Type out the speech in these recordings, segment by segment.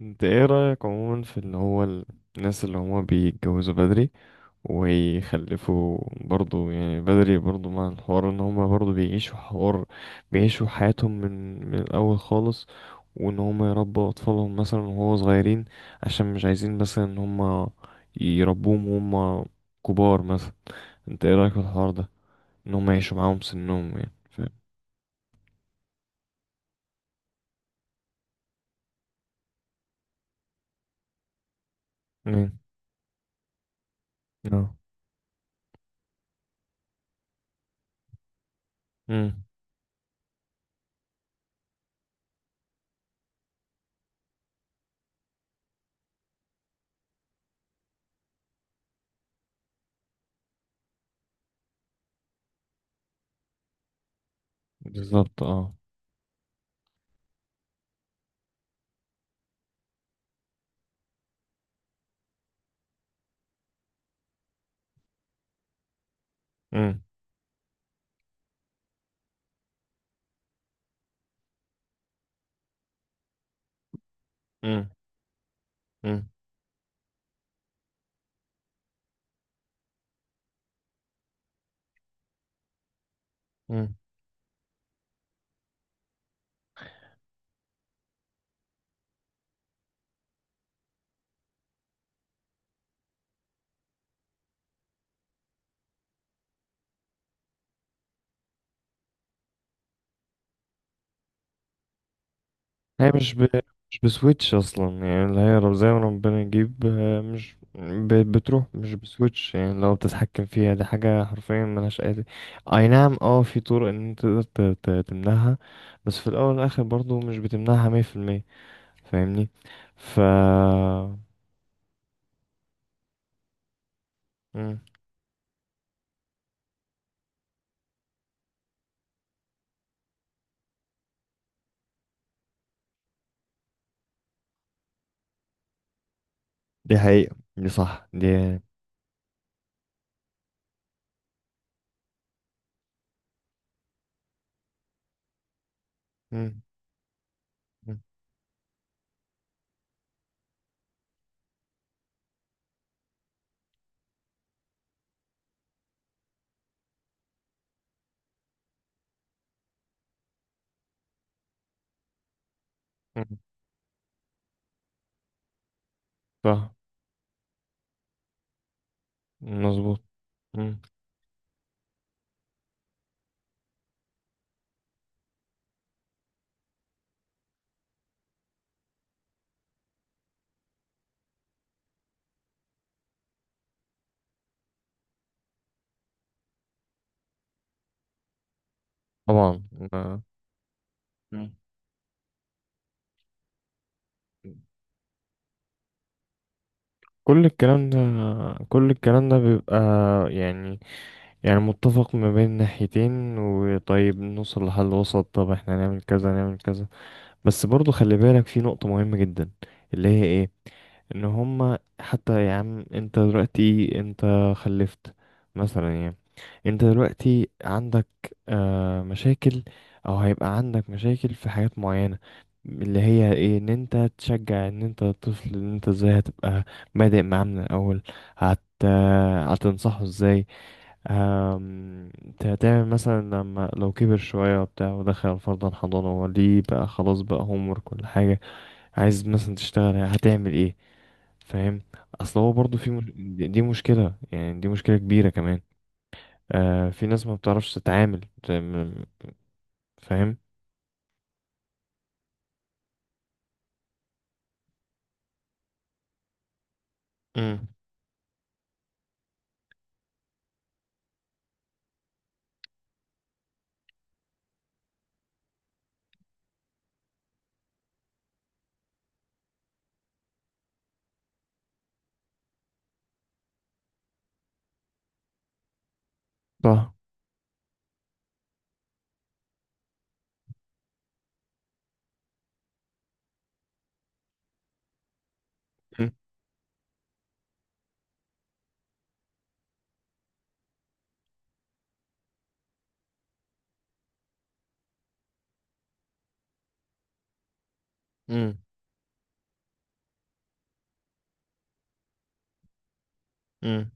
انت ايه رأيك عموما في اللي هو الناس اللي هما بيتجوزوا بدري ويخلفوا برضو، يعني بدري؟ برضو مع الحوار ان هما برضو بيعيشوا حياتهم من الاول خالص، وان هما يربوا اطفالهم مثلا وهو صغيرين، عشان مش عايزين مثلا ان هما يربوهم وهما كبار مثلا. انت ايه رأيك في الحوار ده، ان هما يعيشوا معاهم سنهم؟ يعني فاهم؟ امم. اه. امم. بالظبط اه. امم. امم. هي مش بسويتش اصلا، يعني اللي هي زي ما ربنا يجيب، مش ب... بتروح، مش بسويتش، يعني لو بتتحكم فيها دي حاجة حرفيا ملهاش اي اي نعم اه، في طرق ان انت تقدر تمنعها، بس في الاول والاخر برضو مش بتمنعها 100%. فاهمني؟ ف مم. دي حقيقة، دي صح دي. مم. مم. مم. صح. مظبوط. مم. طبعا. آه. مم. كل الكلام ده كل الكلام ده بيبقى، يعني يعني متفق ما بين ناحيتين، وطيب نوصل لحل وسط، طب احنا نعمل كذا نعمل كذا. بس برضو خلي بالك في نقطة مهمة جدا، اللي هي ايه؟ ان هما حتى، يا عم انت دلوقتي انت خلفت مثلا يعني، انت دلوقتي عندك مشاكل او هيبقى عندك مشاكل في حاجات معينة، اللي هي ايه؟ ان انت تشجع، ان انت الطفل، ان انت ازاي هتبقى بادئ معاه من الاول. هت هتنصحه ازاي؟ انت هتعمل مثلا لما لو كبر شوية وبتاع ودخل فرضا حضانة، هو ليه بقى خلاص بقى هوم ورك كل حاجة؟ عايز مثلا تشتغل هتعمل ايه؟ فاهم؟ اصل هو برضه في مش... دي مشكلة، يعني دي مشكلة كبيرة كمان. آه، في ناس ما بتعرفش تتعامل زي ما- فاهم؟ امم. صح. امم. امم. امم.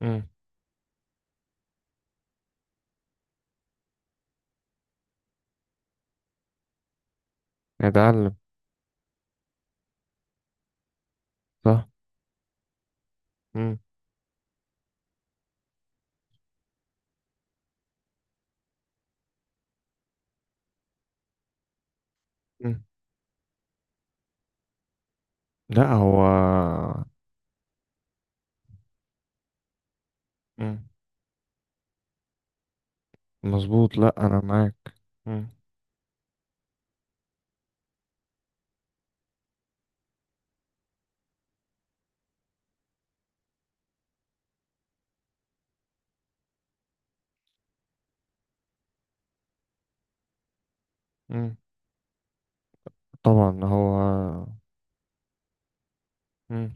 امم. اتعلم. صح. امم. امم. لا هو. امم. مظبوط، لا انا معاك. امم. امم. طبعا هو. مم.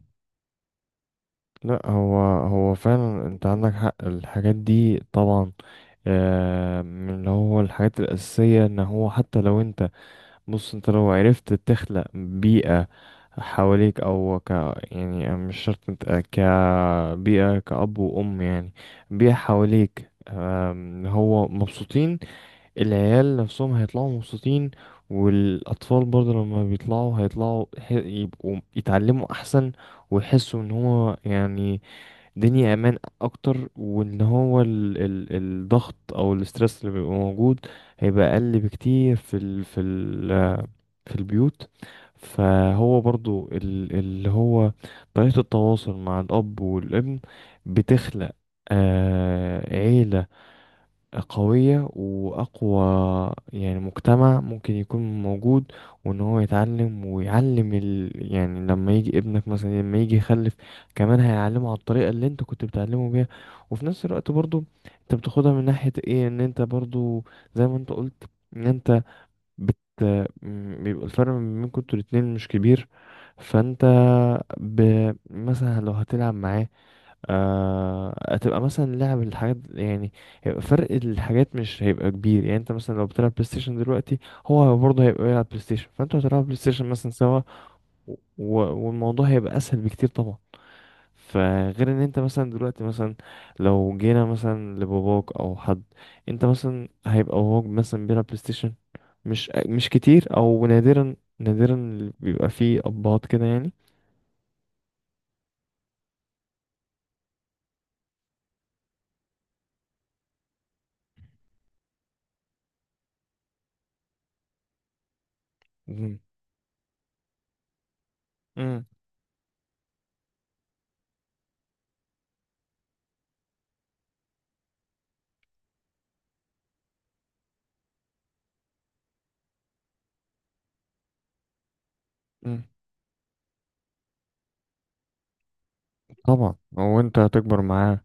لا هو، هو فعلا انت عندك حق الحاجات دي طبعا. من اللي هو الحاجات الأساسية، ان هو حتى لو انت، بص انت لو عرفت تخلق بيئة حواليك او ك يعني، مش شرط انت كبيئة كأب وأم، يعني بيئة حواليك. هو مبسوطين، العيال نفسهم هيطلعوا مبسوطين، والأطفال برضه لما بيطلعوا هيطلعوا يبقوا يتعلموا أحسن، ويحسوا ان هو يعني الدنيا امان اكتر، وان هو ال ال الضغط او الاسترس اللي بيبقى موجود هيبقى اقل بكتير في ال في ال في البيوت. فهو برضو اللي هو طريقة التواصل مع الاب والابن بتخلق عيلة قوية وأقوى، يعني مجتمع ممكن يكون موجود. وإن هو يتعلم ويعلم يعني لما يجي ابنك مثلا، لما يجي يخلف كمان هيعلمه على الطريقة اللي أنت كنت بتعلمه بيها. وفي نفس الوقت برضو أنت بتاخدها من ناحية إيه؟ إن أنت برضو، زي ما أنت قلت، إن أنت بت... بيبقى الفرق ما بينكم انتوا الاتنين مش كبير. فأنت ب... مثلا لو هتلعب معاه، هتبقى مثلا لعب الحاجات، يعني هيبقى فرق الحاجات مش هيبقى كبير. يعني انت مثلا لو بتلعب بلاي ستيشن دلوقتي، هو برضه هيبقى بيلعب بلاي ستيشن، فانتوا هتلعبوا بلاي ستيشن مثلا سوا، و- والموضوع هيبقى اسهل بكتير طبعا. فغير ان انت مثلا دلوقتي مثلا، لو جينا مثلا لباباك او حد، انت مثلا هيبقى باباك مثلا بيلعب بلاي ستيشن؟ مش كتير، او نادرا نادرا اللي بيبقى فيه ابهات كده يعني. مم. مم. مم. طبعا هو، انت هتكبر معاه.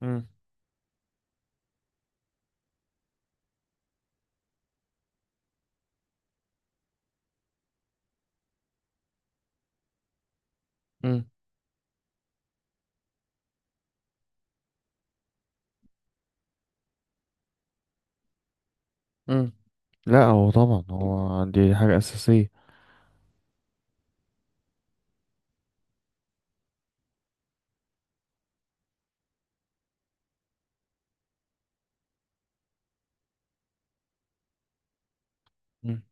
مم. مم. مم. لا هو، طبعا هو دي حاجة أساسية. مم.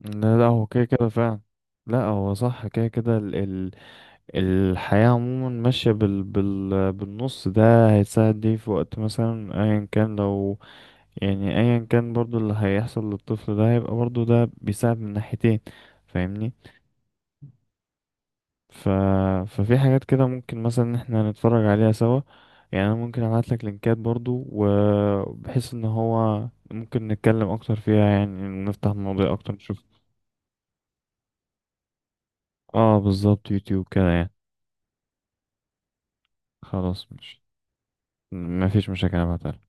لا لا هو كده كده فعلا. لا هو صح، كده كده ال ال الحياة عموما ماشية بالنص ده، هيتساعد ليه في وقت مثلا أيا كان، لو يعني أيا كان برضو اللي هيحصل للطفل ده هيبقى برضو، ده بيساعد من ناحيتين. فاهمني؟ ف... ففي حاجات كده ممكن مثلا ان احنا نتفرج عليها سوا، يعني انا ممكن ابعت لك لينكات برضو، وبحيث ان هو ممكن نتكلم اكتر فيها، يعني نفتح مواضيع اكتر نشوف. اه بالظبط، يوتيوب كده يعني. خلاص مش مفيش مشاكل، ابعتها.